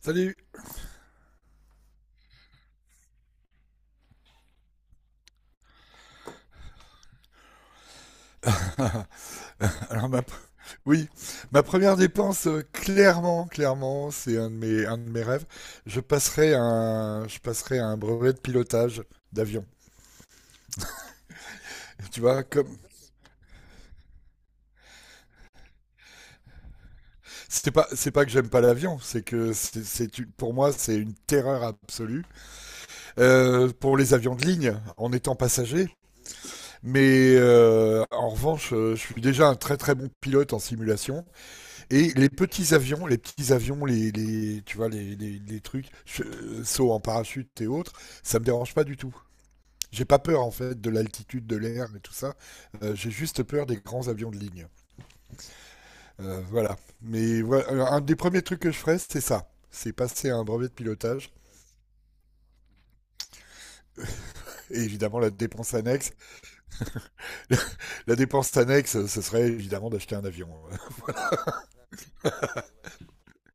Salut. Alors oui, ma première dépense, clairement, clairement, c'est un de mes rêves. Je passerai à un brevet de pilotage d'avion. Tu vois, comme c'est pas que j'aime pas l'avion, c'est que pour moi, c'est une terreur absolue. Pour les avions de ligne en étant passager. Mais en revanche, je suis déjà un très très bon pilote en simulation. Et les petits avions, les tu vois, les trucs, sauts en parachute et autres, ça me dérange pas du tout. J'ai pas peur en fait de l'altitude, de l'air et tout ça. J'ai juste peur des grands avions de ligne. Voilà. Mais voilà, un des premiers trucs que je ferais, c'est ça. C'est passer à un brevet de pilotage. Et évidemment, la dépense annexe. La dépense annexe, ce serait évidemment d'acheter un avion.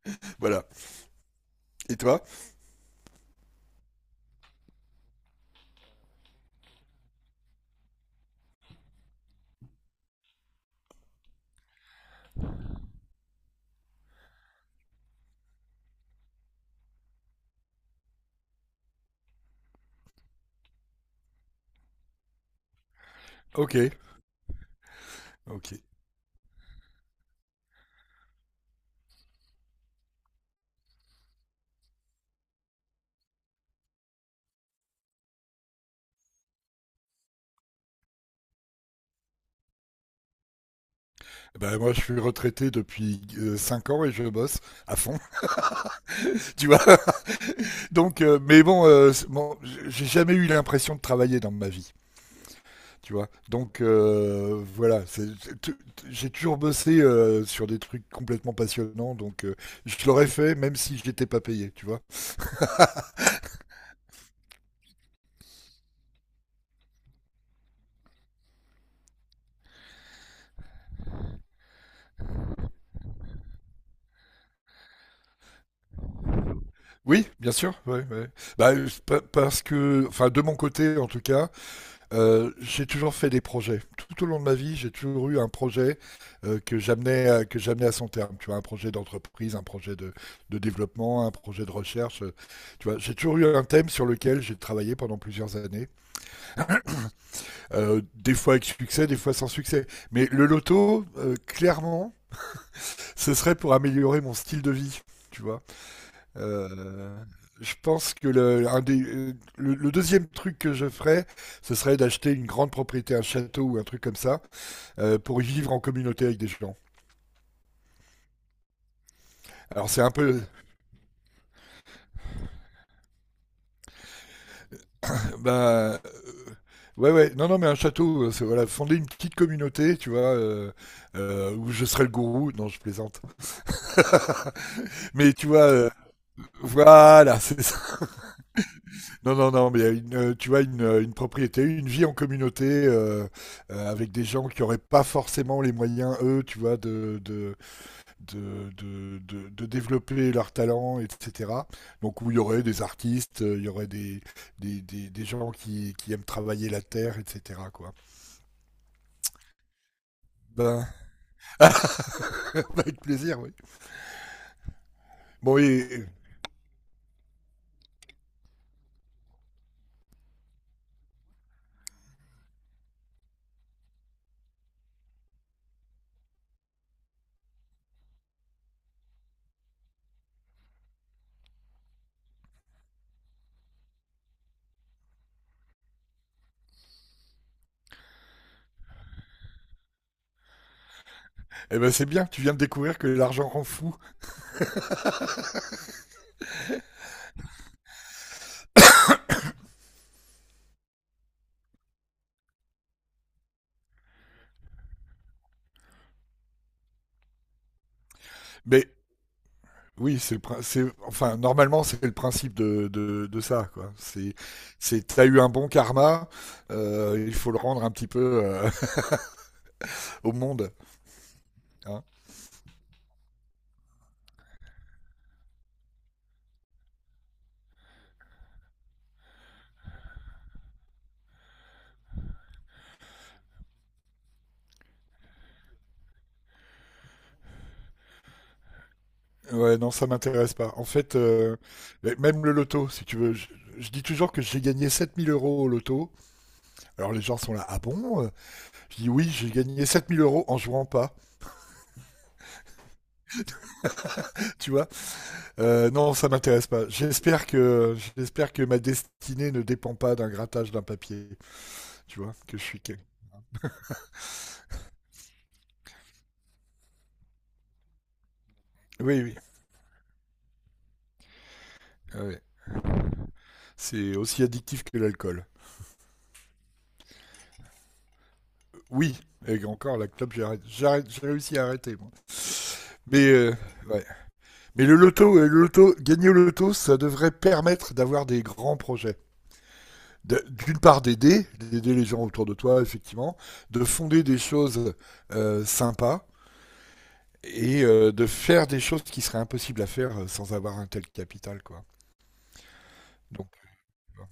Voilà. Et toi? Ok. Ok. Ben, moi, je suis retraité depuis 5 ans et je bosse à fond. Tu vois. Donc, mais bon, bon, j'ai jamais eu l'impression de travailler dans ma vie, tu vois. Donc voilà, j'ai toujours bossé sur des trucs complètement passionnants, donc je l'aurais fait même si je n'étais pas payé, tu vois. Oui, bien sûr, ouais, ouais. Bah, parce que, enfin, de mon côté en tout cas. J'ai toujours fait des projets. Tout au long de ma vie, j'ai toujours eu un projet que j'amenais à son terme. Tu vois, un projet d'entreprise, un projet de développement, un projet de recherche. Tu vois, j'ai toujours eu un thème sur lequel j'ai travaillé pendant plusieurs années. Des fois avec succès, des fois sans succès. Mais le loto, clairement, ce serait pour améliorer mon style de vie. Tu vois. Euh, je pense que le, un des- le deuxième truc que je ferais, ce serait d'acheter une grande propriété, un château ou un truc comme ça, pour y vivre en communauté avec des gens. Alors c'est un peu. Bah, ouais ouais, non non mais un château, c'est voilà, fonder une petite communauté, tu vois, où je serais le gourou. Non, je plaisante. Mais tu vois, voilà, c'est ça. Non, non, non, mais il y a tu vois, une propriété, une vie en communauté avec des gens qui n'auraient pas forcément les moyens, eux, tu vois, de développer leurs talents, etc. Donc, où il y aurait des artistes, il y aurait des gens qui aiment travailler la terre, etc., quoi. Ben, avec plaisir, oui. Bon, et- eh ben, c'est bien, tu viens de découvrir que l'argent rend fou. Mais oui, c'est le prin- c'est enfin normalement c'est le principe de ça quoi. C'est t'as eu un bon karma, il faut le rendre un petit peu au monde. Hein. Ouais, non, ça m'intéresse pas. En fait, mais même le loto, si tu veux, je dis toujours que j'ai gagné 7 000 € au loto. Alors les gens sont là, ah bon? Je dis oui, j'ai gagné 7 000 € en jouant pas. Tu vois? Non, ça m'intéresse pas. J'espère que ma destinée ne dépend pas d'un grattage d'un papier. Tu vois? Que je suis. Oui, oui. Ah oui. C'est aussi addictif que l'alcool. Oui, et encore la clope, j'ai réussi à arrêter. Moi. Mais, ouais. Mais le loto, gagner au loto, ça devrait permettre d'avoir des grands projets. D'une part, d'aider les gens autour de toi, effectivement, de fonder des choses sympas et de faire des choses qui seraient impossibles à faire sans avoir un tel capital, quoi. Donc, bon.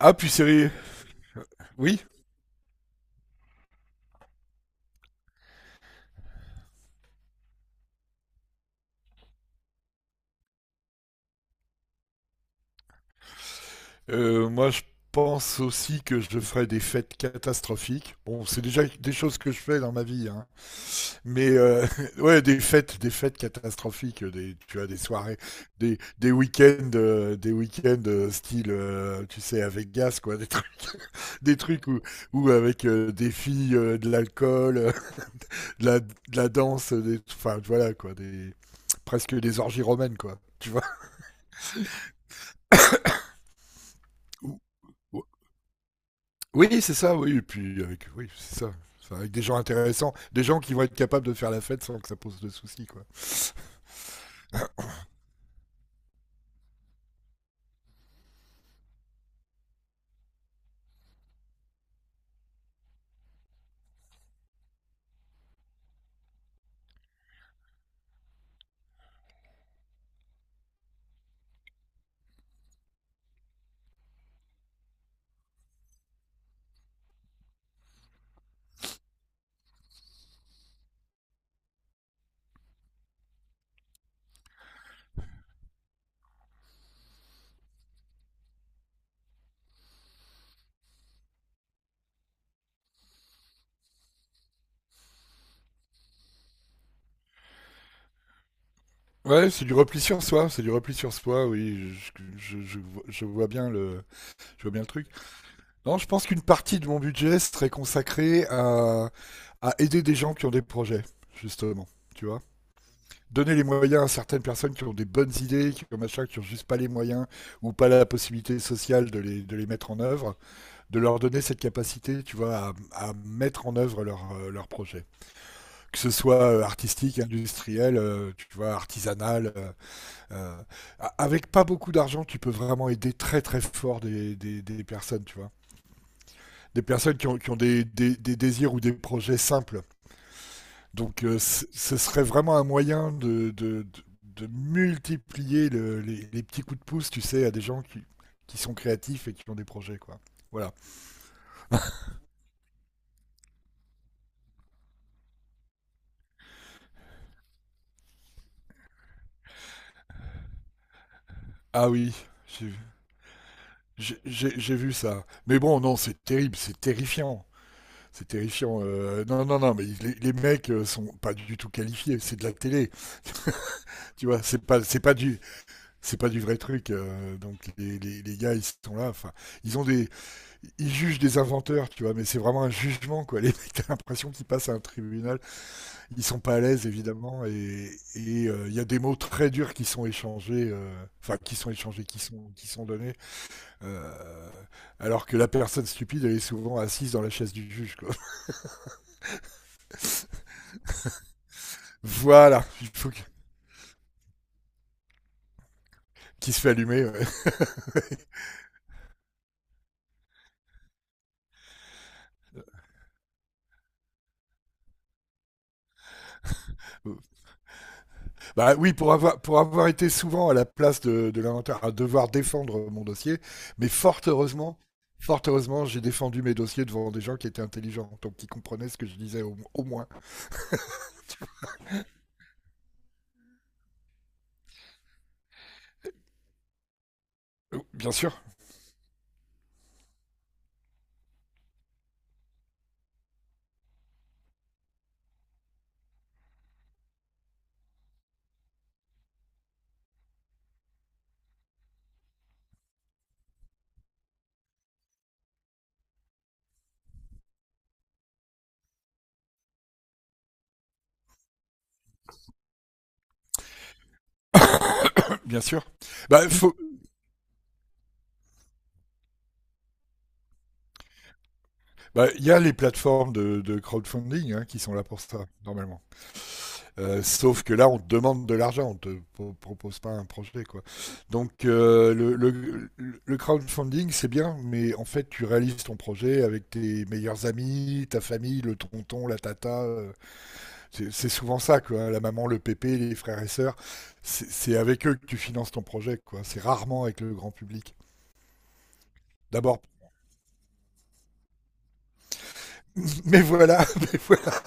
Ah, puis Oui? Moi, je pense aussi que je ferai des fêtes catastrophiques. Bon, c'est déjà des choses que je fais dans ma vie, hein. Mais ouais, des fêtes catastrophiques, tu as des soirées, des week-ends style, tu sais, avec gaz, quoi, des trucs, des trucs où avec des filles, de l'alcool, de la danse, enfin voilà, quoi, presque des orgies romaines, quoi. Tu vois? Oui, c'est ça, oui, et puis avec oui, c'est ça. Enfin, avec des gens intéressants, des gens qui vont être capables de faire la fête sans que ça pose de soucis, quoi. Ouais, c'est du repli sur soi, c'est du repli sur soi, oui, je vois bien le, je vois bien le truc. Non, je pense qu'une partie de mon budget serait consacrée à, aider des gens qui ont des projets, justement, tu vois. Donner les moyens à certaines personnes qui ont des bonnes idées, qui ont machin, qui ont juste pas les moyens ou pas la possibilité sociale de les mettre en œuvre de leur donner cette capacité, tu vois, à mettre en œuvre leur projet. Que ce soit artistique, industriel, tu vois, artisanal. Euh, avec pas beaucoup d'argent, tu peux vraiment aider très très fort des personnes, tu vois. Des personnes qui ont des désirs ou des projets simples. Donc ce serait vraiment un moyen de multiplier les petits coups de pouce, tu sais, à des gens qui sont créatifs et qui ont des projets, quoi. Voilà. Ah oui, j'ai vu ça. Mais bon, non, c'est terrible, c'est terrifiant. C'est terrifiant. Non, non, non, mais les mecs sont pas du tout qualifiés. C'est de la télé, tu vois. C'est pas du vrai truc. Donc les gars, ils sont là. Enfin, ils ont des, ils jugent des inventeurs, tu vois. Mais c'est vraiment un jugement, quoi. Les mecs, t'as l'impression qu'ils passent à un tribunal. Ils sont pas à l'aise, évidemment. Il y a des mots très durs qui sont échangés, enfin qui sont échangés, qui sont donnés. Euh, alors que la personne stupide, elle est souvent assise dans la chaise du juge. Quoi. Voilà, qu'il se fait allumer. Ouais. Bah oui, pour avoir été souvent à la place de l'inventeur, à devoir défendre mon dossier, mais fort heureusement, j'ai défendu mes dossiers devant des gens qui étaient intelligents, donc qui comprenaient ce que je disais au moins. Bien sûr, bien sûr. Bah, faut, Bah, il y a les plateformes de crowdfunding hein, qui sont là pour ça, normalement. Sauf que là, on te demande de l'argent, on te propose pas un projet, quoi. Donc, le crowdfunding, c'est bien, mais en fait, tu réalises ton projet avec tes meilleurs amis, ta famille, le tonton, la tata. C'est souvent ça, quoi. Hein, la maman, le pépé, les frères et sœurs. C'est avec eux que tu finances ton projet, quoi. C'est rarement avec le grand public. D'abord, mais voilà,